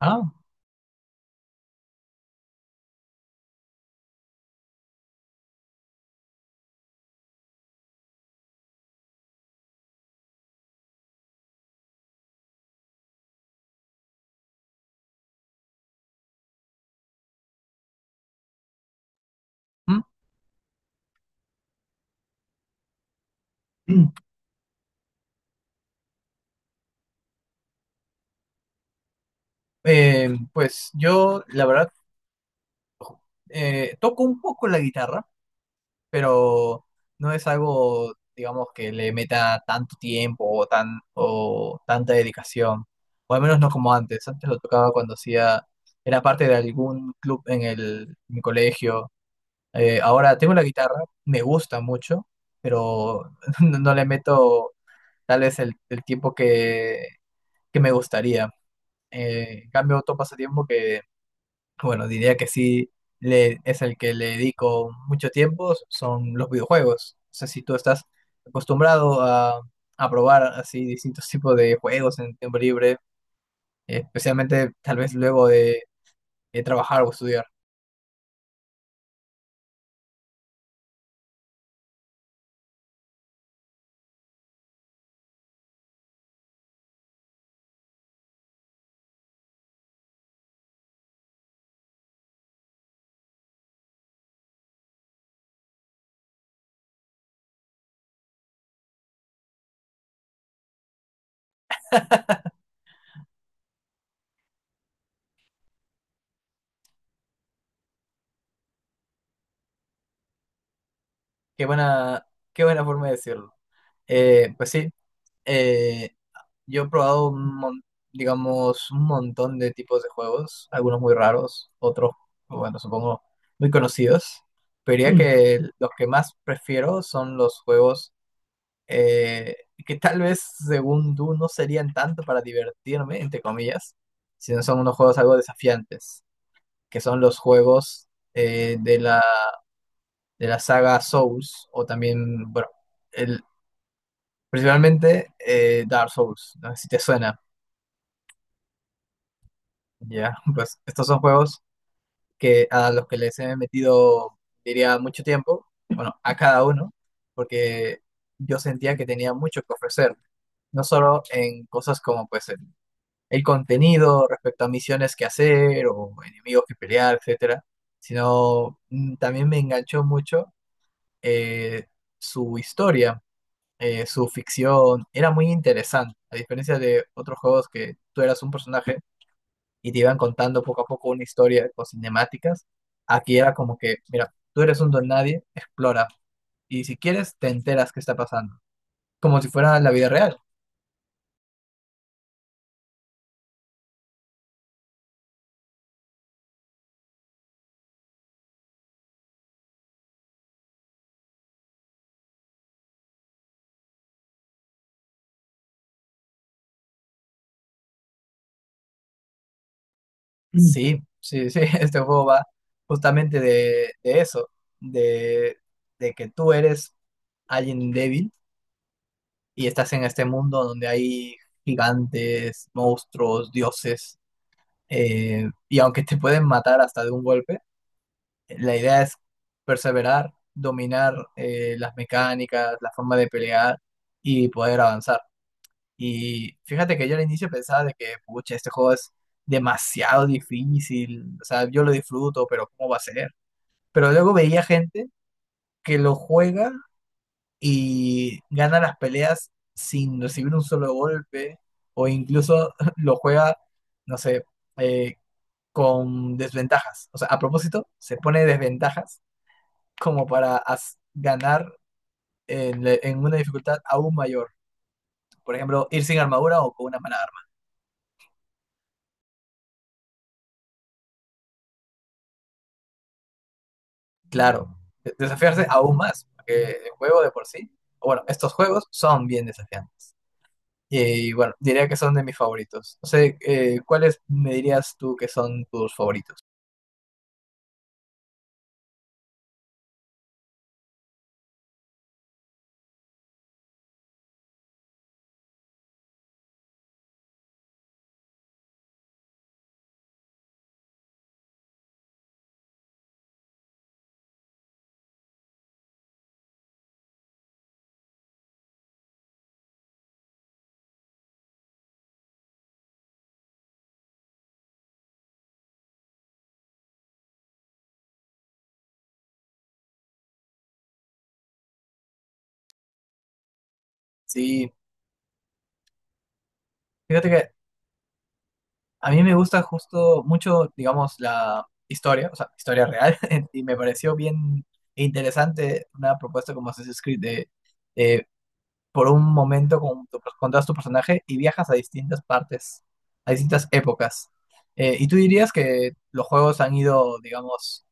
Ah, mm, mm. Pues yo, la verdad, toco un poco la guitarra, pero no es algo, digamos, que le meta tanto tiempo o, o tanta dedicación, o al menos no como antes. Antes lo tocaba cuando hacía, era parte de algún club en mi colegio. Ahora tengo la guitarra, me gusta mucho, pero no, no le meto tal vez el tiempo que me gustaría. En cambio, otro pasatiempo que bueno, diría que sí es el que le dedico mucho tiempo, son los videojuegos. O sea, si tú estás acostumbrado a probar así distintos tipos de juegos en tiempo libre, especialmente tal vez luego de trabajar o estudiar. Qué buena, qué buena forma de decirlo. Pues sí, eh, Yo he probado digamos, un montón de tipos de juegos, algunos muy raros, otros, bueno, supongo, muy conocidos. Pero diría que los que más prefiero son los juegos eh, que tal vez, según tú, no serían tanto para divertirme, entre comillas, sino son unos juegos algo desafiantes, que son los juegos de la saga Souls, o también, bueno, el, principalmente Dark Souls, no sé si te suena. Ya, pues estos son juegos que a los que les he metido, diría, mucho tiempo, bueno, a cada uno, porque yo sentía que tenía mucho que ofrecer, no solo en cosas como pues el contenido respecto a misiones que hacer o enemigos que pelear, etcétera, sino también me enganchó mucho eh, su historia, su ficción, era muy interesante, a diferencia de otros juegos que tú eras un personaje y te iban contando poco a poco una historia con cinemáticas. Aquí era como que, mira, tú eres un don nadie, explora. Y si quieres, te enteras qué está pasando. Como si fuera la vida real. Mm. Sí, sí, sí, este juego va justamente de eso, de, de que tú eres alguien débil y estás en este mundo donde hay gigantes, monstruos, dioses, y aunque te pueden matar hasta de un golpe, la idea es perseverar, dominar las mecánicas, la forma de pelear y poder avanzar. Y fíjate que yo al inicio pensaba de que, pucha, este juego es demasiado difícil, o sea, yo lo disfruto, pero ¿cómo va a ser? Pero luego veía gente que lo juega y gana las peleas sin recibir un solo golpe, o incluso lo juega, no sé, eh, con desventajas. O sea, a propósito, se pone desventajas como para ganar en una dificultad aún mayor. Por ejemplo, ir sin armadura o con una mala arma. Claro, desafiarse aún más, porque el juego de por sí, o bueno, estos juegos son bien desafiantes. Y bueno, diría que son de mis favoritos. No sé, ¿cuáles me dirías tú que son tus favoritos? Sí, fíjate que a mí me gusta justo mucho, digamos, la historia, o sea, historia real, y me pareció bien interesante una propuesta como Assassin's Creed de eh, por un momento con todo tu personaje y viajas a distintas partes, a distintas épocas. ¿Y tú dirías que los juegos han ido, digamos,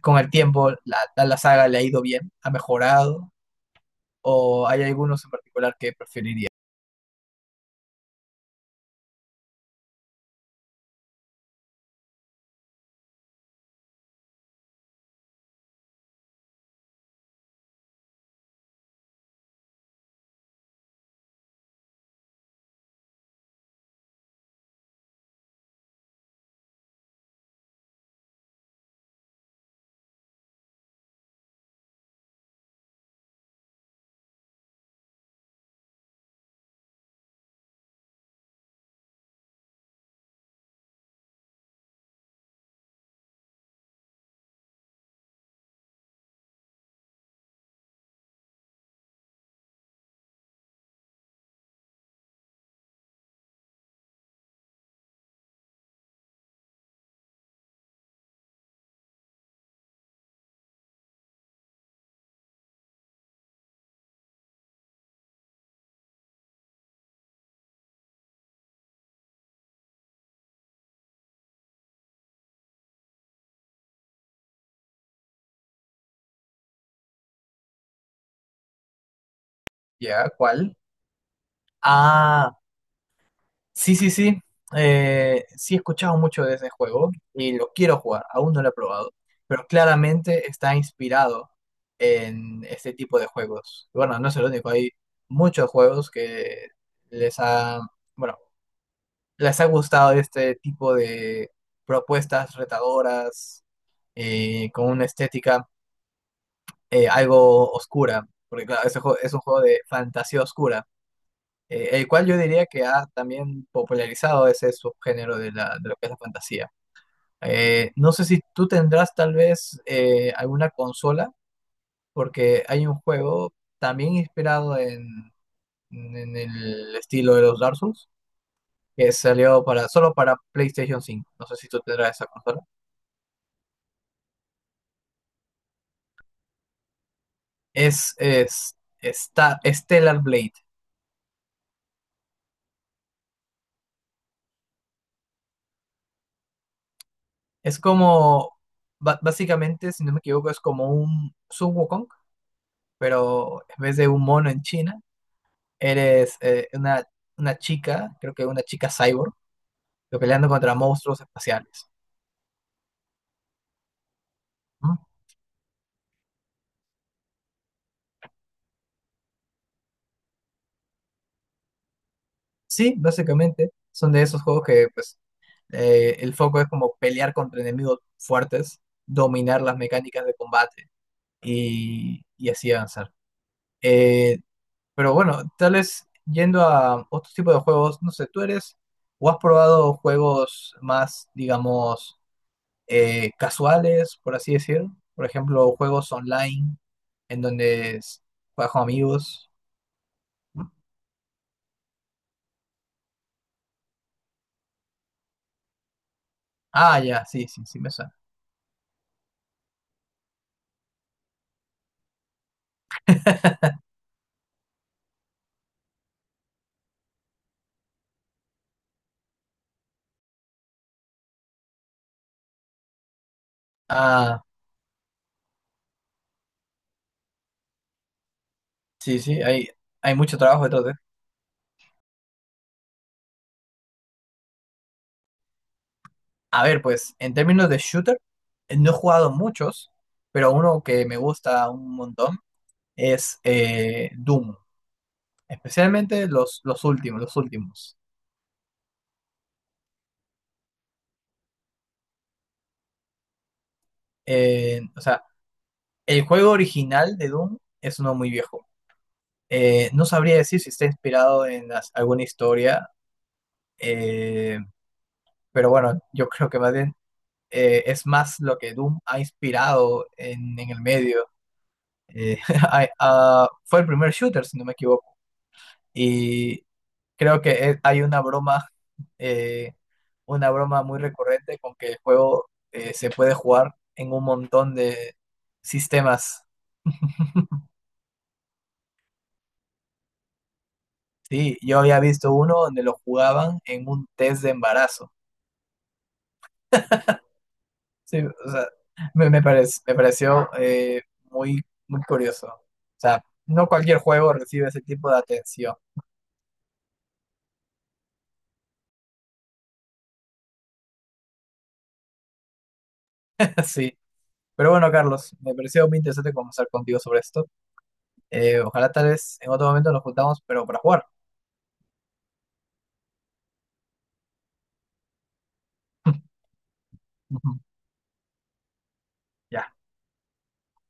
con el tiempo, a la saga le ha ido bien, ha mejorado? ¿O hay algunos en particular que preferiría? ¿Ya? ¿Cuál? Ah, sí, sí, sí. Sí he escuchado mucho de ese juego y lo quiero jugar, aún no lo he probado, pero claramente está inspirado en este tipo de juegos. Bueno, no es el único, hay muchos juegos que les ha, bueno, les ha gustado este tipo de propuestas retadoras con una estética algo oscura, porque claro, es un juego de fantasía oscura el cual yo diría que ha también popularizado ese subgénero de lo que es la fantasía. No sé si tú tendrás tal vez alguna consola, porque hay un juego también inspirado en el estilo de los Dark Souls, que salió solo para PlayStation 5. No sé si tú tendrás esa consola. Es, es, está Stellar Blade. Es como, básicamente, si no me equivoco, es como un Sun Wukong, pero en vez de un mono en China, eres una chica, creo que una chica cyborg, que peleando contra monstruos espaciales. ¿No? Sí, básicamente son de esos juegos que pues el foco es como pelear contra enemigos fuertes, dominar las mecánicas de combate y así avanzar. Eh, pero bueno, tal vez yendo a otro tipo de juegos, no sé, tú eres o has probado juegos más, digamos, casuales, por así decir. Por ejemplo, juegos online en donde juegas con amigos. Ah, ya, sí, sí, sí me suena. Ah, sí, sí, hay mucho trabajo detrás de. A ver, pues, en términos de shooter, no he jugado muchos, pero uno que me gusta un montón es Doom. Especialmente los últimos, los últimos. O sea, el juego original de Doom es uno muy viejo. No sabría decir si está inspirado en alguna historia. Eh, pero bueno, yo creo que más bien es más lo que Doom ha inspirado en el medio. Eh, ah, fue el primer shooter, si no me equivoco. Y creo que hay eh, una broma muy recurrente con que el juego se puede jugar en un montón de sistemas. Sí, yo había visto uno donde lo jugaban en un test de embarazo. Sí, o sea, me pareció muy, muy curioso. O sea, no cualquier juego recibe ese tipo de atención. Sí. Pero bueno, Carlos, me pareció muy interesante conversar contigo sobre esto. Ojalá tal vez en otro momento nos juntamos, pero para jugar. Ya.